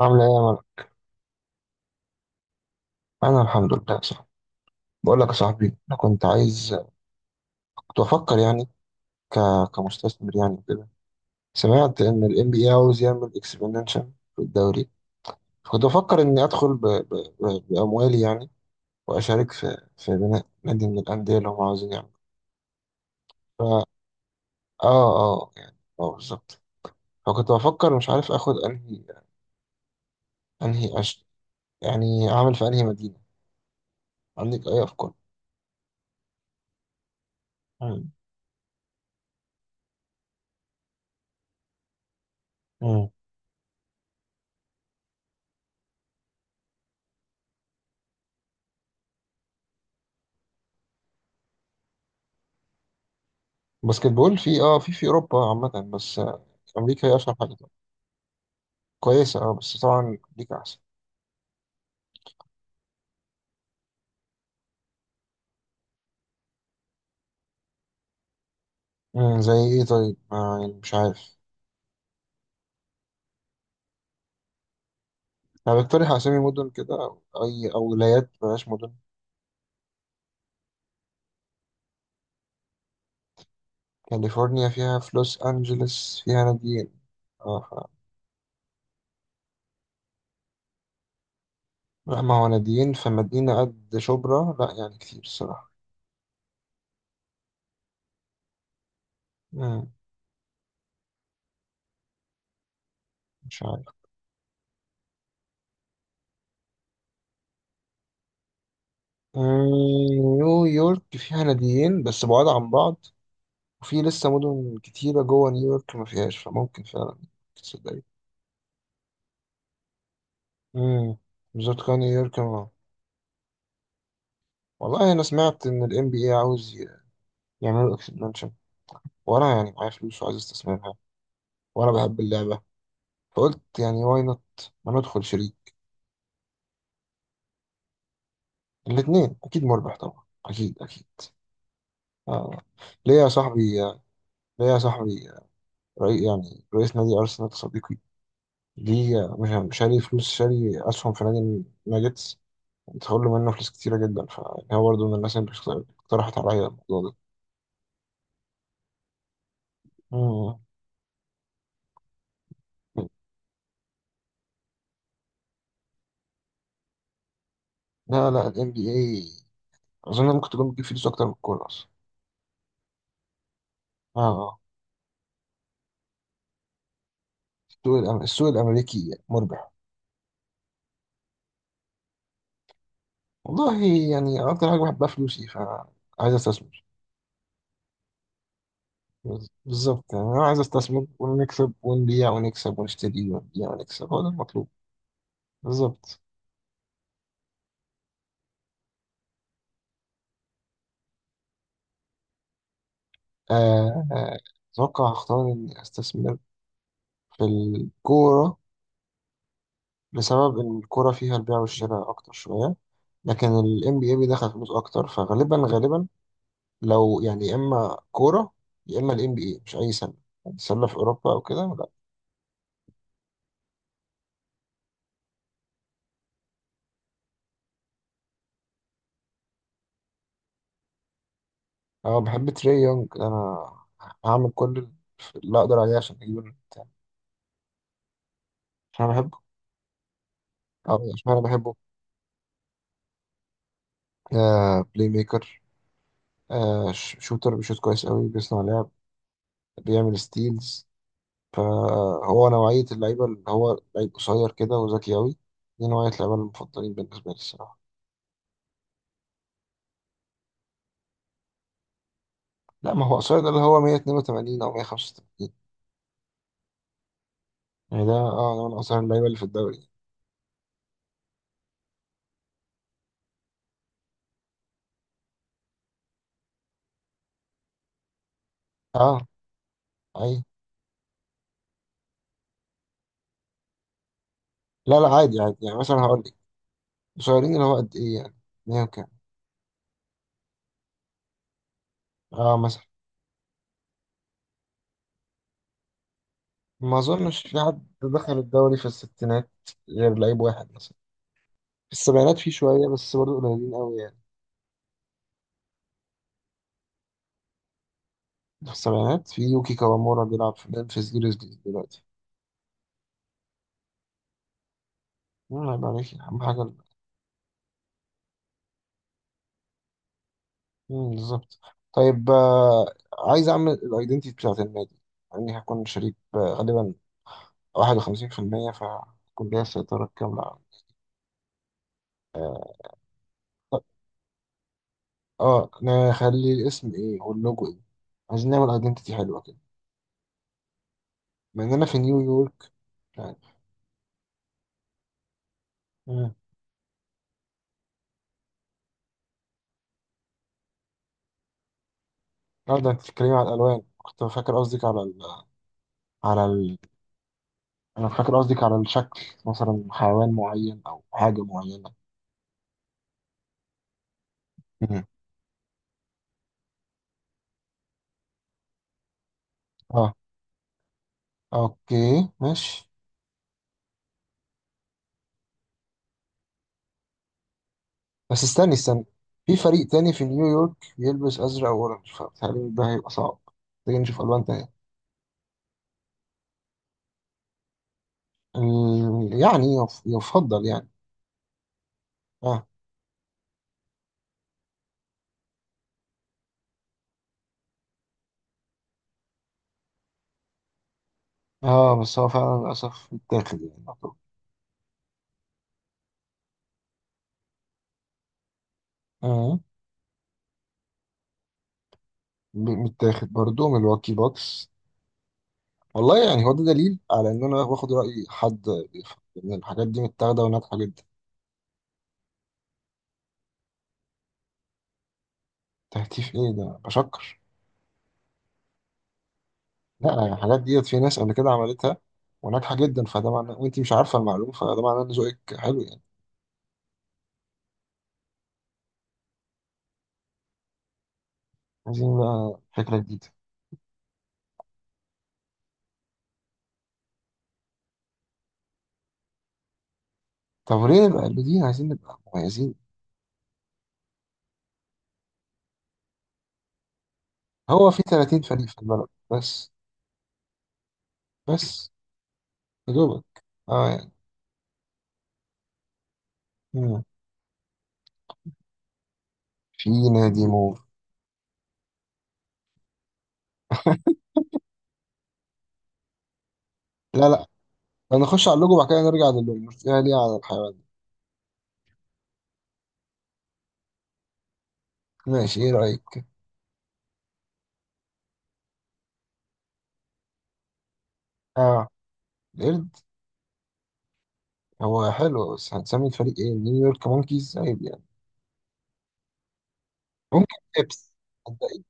عاملة إيه يا مرة؟ أنا الحمد لله صح. بقول لك يا صاحبي أنا كنت عايز كنت بفكر يعني ك... كمستثمر يعني كده. سمعت إن ال NBA عاوز يعمل اكسبنشن في الدوري. كنت بفكر إني أدخل بأموالي يعني، وأشارك في بناء نادي من الأندية اللي هم عاوزين يعملوا. آه آه يعني آه بالظبط. فكنت بفكر مش عارف آخد أنهي يعني أعمل في أنهي مدينة. عندك أي أفكار؟ مم. باسكت بول في اوروبا عامه، بس آه، امريكا هي اشهر حاجه طبعا. كويسه اه بس طبعا امريكا احسن. مم، زي ايه طيب ما يعني مش عارف. انا بقترح اسامي مدن كده، او اي او ولايات بلاش مدن. كاليفورنيا فيها في لوس انجلوس فيها ناديين. اه لا ما هو ناديين في مدينه قد شبرا لا يعني كتير الصراحه. مم، مش عارف. مم، نيويورك فيها ناديين بس بعاد عن بعض، وفي لسه مدن كتيرة جوه نيويورك ما فيهاش فممكن فعلا تصدق. امم، بالظبط كان يركن اه. والله انا سمعت ان الام بي اي عاوز يعملوا اكسبانشن، وانا يعني معايا فلوس وعايز استثمرها، وانا بحب اللعبه، فقلت يعني واي نوت ما ندخل شريك. الاثنين اكيد مربح طبعا اكيد اكيد. آه. ليه يا صاحبي ليه يا صاحبي؟ رئي يعني رئيس نادي ارسنال صديقي، ليه مش شاري فلوس شاري اسهم في نادي الناجتس؟ تخلوا له منه فلوس كتيره جدا، فهو برضه من الناس اللي اقترحت عليا الموضوع ده. مم. لا لا، ال NBA اظن ممكن تكون بتجيب فلوس اكتر من الكوره اصلا. اه آه. السوق الامريكي مربح. والله يعني اكتر حاجه بحبها فلوسي، فعايز استثمر. بالظبط، يعني انا عايز استثمر ونكسب، ونبيع ونكسب، ونشتري ونبيع ونكسب، هو ده المطلوب. بالظبط. آه، آه، اتوقع هختار اني استثمر في الكوره، بسبب ان الكوره فيها البيع والشراء اكتر شويه، لكن ال NBA بيدخل فلوس اكتر فغالبا غالبا. لو يعني يا اما كوره يا اما الام بي اي، مش اي سله، سله في اوروبا او كده لا. انا بحب تري يونج، انا هعمل كل اللي اقدر عليه عشان اجيب البتاع. عشان انا بحبه، او عشان انا بحبه. آه، بلاي ميكر، آه، شوتر بيشوت كويس قوي، بيصنع لعب، بيعمل ستيلز. فهو نوعيه اللعيبه اللي هو لعيب قصير كده وذكي قوي. دي نوعيه اللعيبه المفضلين بالنسبه لي الصراحه. لا ما هو قصير ده اللي هو 182 او 185. يعني ده اه ده من قصير اللعيبه اللي في الدوري. اه، اي. لا لا، عادي عادي، يعني مثلا هقول لك قصيرين اللي هو قد ايه يعني، 100 وكام. اه مثلا. ما اظنش في حد دخل الدوري في الستينات غير لعيب واحد مثلا، في السبعينات في شويه بس برضه قليلين قوي يعني. في السبعينات في يوكي كوامورا بيلعب في ممفيس جريزليز دلوقتي. مم، عيب عليك اهم حاجه مم، بالظبط. طيب عايز اعمل الايدنتي بتاعت النادي، يعني هكون شريك غالبا 51% فهكون ليا السيطره الكامله. اه نخلي الاسم ايه واللوجو ايه، عايزين نعمل ايدنتيتي حلوه كده بما اننا في نيويورك يعني. مم. اه ده انت بتتكلمي على الالوان، كنت فاكر قصدك على على ال... انا فاكر قصدك على الشكل، مثلا حيوان معين او حاجه معينه. مم. اه اوكي ماشي. بس استني، في فريق تاني في نيويورك بيلبس ازرق واورنج فبتهيألي ده هيبقى صعب. محتاجين نشوف الوان تانية. يعني يفضل يعني. اه. اه بس هو فعلا للاسف متاخد يعني. اه متاخد برضو من الواكي بوكس. والله يعني هو ده دليل على ان انا باخد رأي حد بيفهم، ان الحاجات دي متاخدة وناجحة جدا. تهتيف ايه ده؟ بشكر. لا يعني الحاجات ديت في ناس قبل كده عملتها وناجحة جدا، فده معناه وانت مش عارفة المعلومة فده معناه ان ذوقك حلو يعني. عايزين بقى فكرة جديدة. طب وليه نبقى قلبيين؟ عايزين نبقى مميزين. هو في 30 فريق في البلد بس. بس يا دوبك اه يعني. مم. في نادي موف. لا لا، هنخش على اللوجو وبعد كده نرجع للنرجع ليه على الحيوان. ماشي، ايه رأيك؟ اه، القرد. هو حلو بس هنسمي الفريق ايه؟ نيويورك مونكيز عيب يعني. ممكن ابس. صدقني.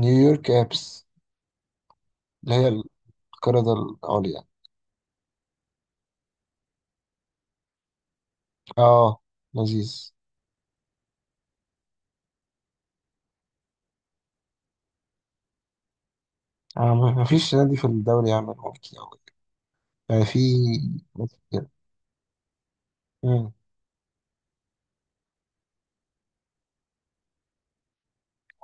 نيويورك ابس، اللي هي القردة العليا. اه، لذيذ. آه ما فيش نادي في الدوري يعمل مونكي أوي، يعني في ناس كده. مم،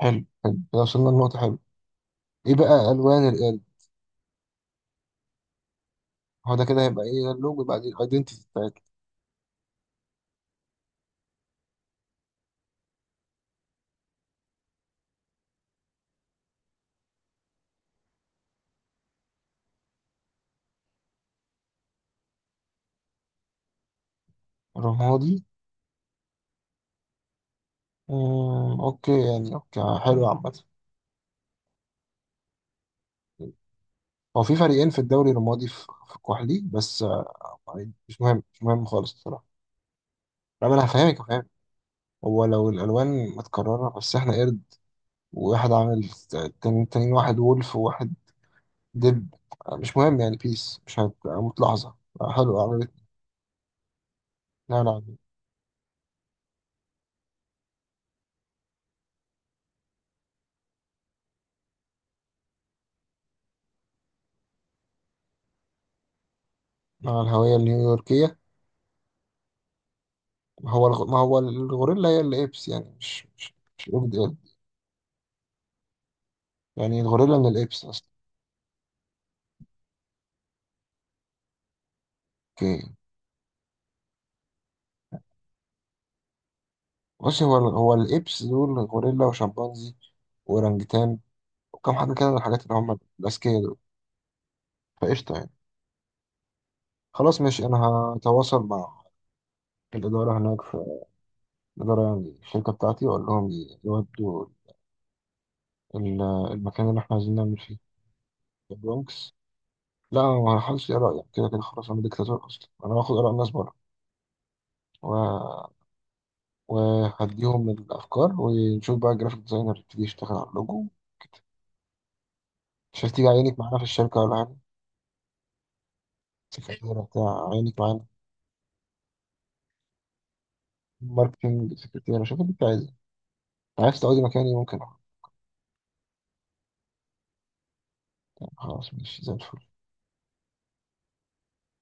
حلو حلو كده وصلنا لنقطة حلوة. ايه بقى ألوان القرد؟ هو ده كده هيبقى ايه، ده اللوجو بقى دي الايدنتيتي بتاعتنا. رمادي. مم، اوكي يعني اوكي حلو عامة. هو في فريقين في الدوري الرمادي في الكحلي بس. عادي مش مهم، مش مهم خالص الصراحة. لا ما أنا هفهمك. هو لو الألوان متكررة بس إحنا قرد، وواحد عامل تاني، تاني واحد وولف، وواحد دب، مش مهم يعني بيس مش هتموت لحظة. حلو، عملت. لا لا، مع الهوية النيويوركية. ما هو الغوريلا هي الإبس، يعني مش مش مش قرد قرد، يعني الغوريلا من الإبس أصلا. أوكي. بص هو الإبس دول غوريلا وشمبانزي وأورانجتان، وكم حد كده من الحاجات اللي هم الأذكياء دول. فقشطة يعني. خلاص ماشي، انا هتواصل مع الاداره هناك، في الاداره يعني الشركه بتاعتي، واقول لهم يودوا ال- المكان اللي احنا عايزين نعمل فيه. البرونكس. لا انا ما هحاولش اراء يعني، كده كده خلاص انا ديكتاتور اصلا، انا هاخد اراء الناس بره. و... وهديهم الافكار، ونشوف بقى الجرافيك ديزاينر يبتدي يشتغل على اللوجو. مش هتيجي عينك معانا في الشركه ولا حاجه؟ سكرتيره بتاع عينك معانا، ماركتنج سكرتيره، شوف اللي انت عايزه. عايز تقعدي مكاني ممكن أقعد. يعني خلاص ماشي زي الفل.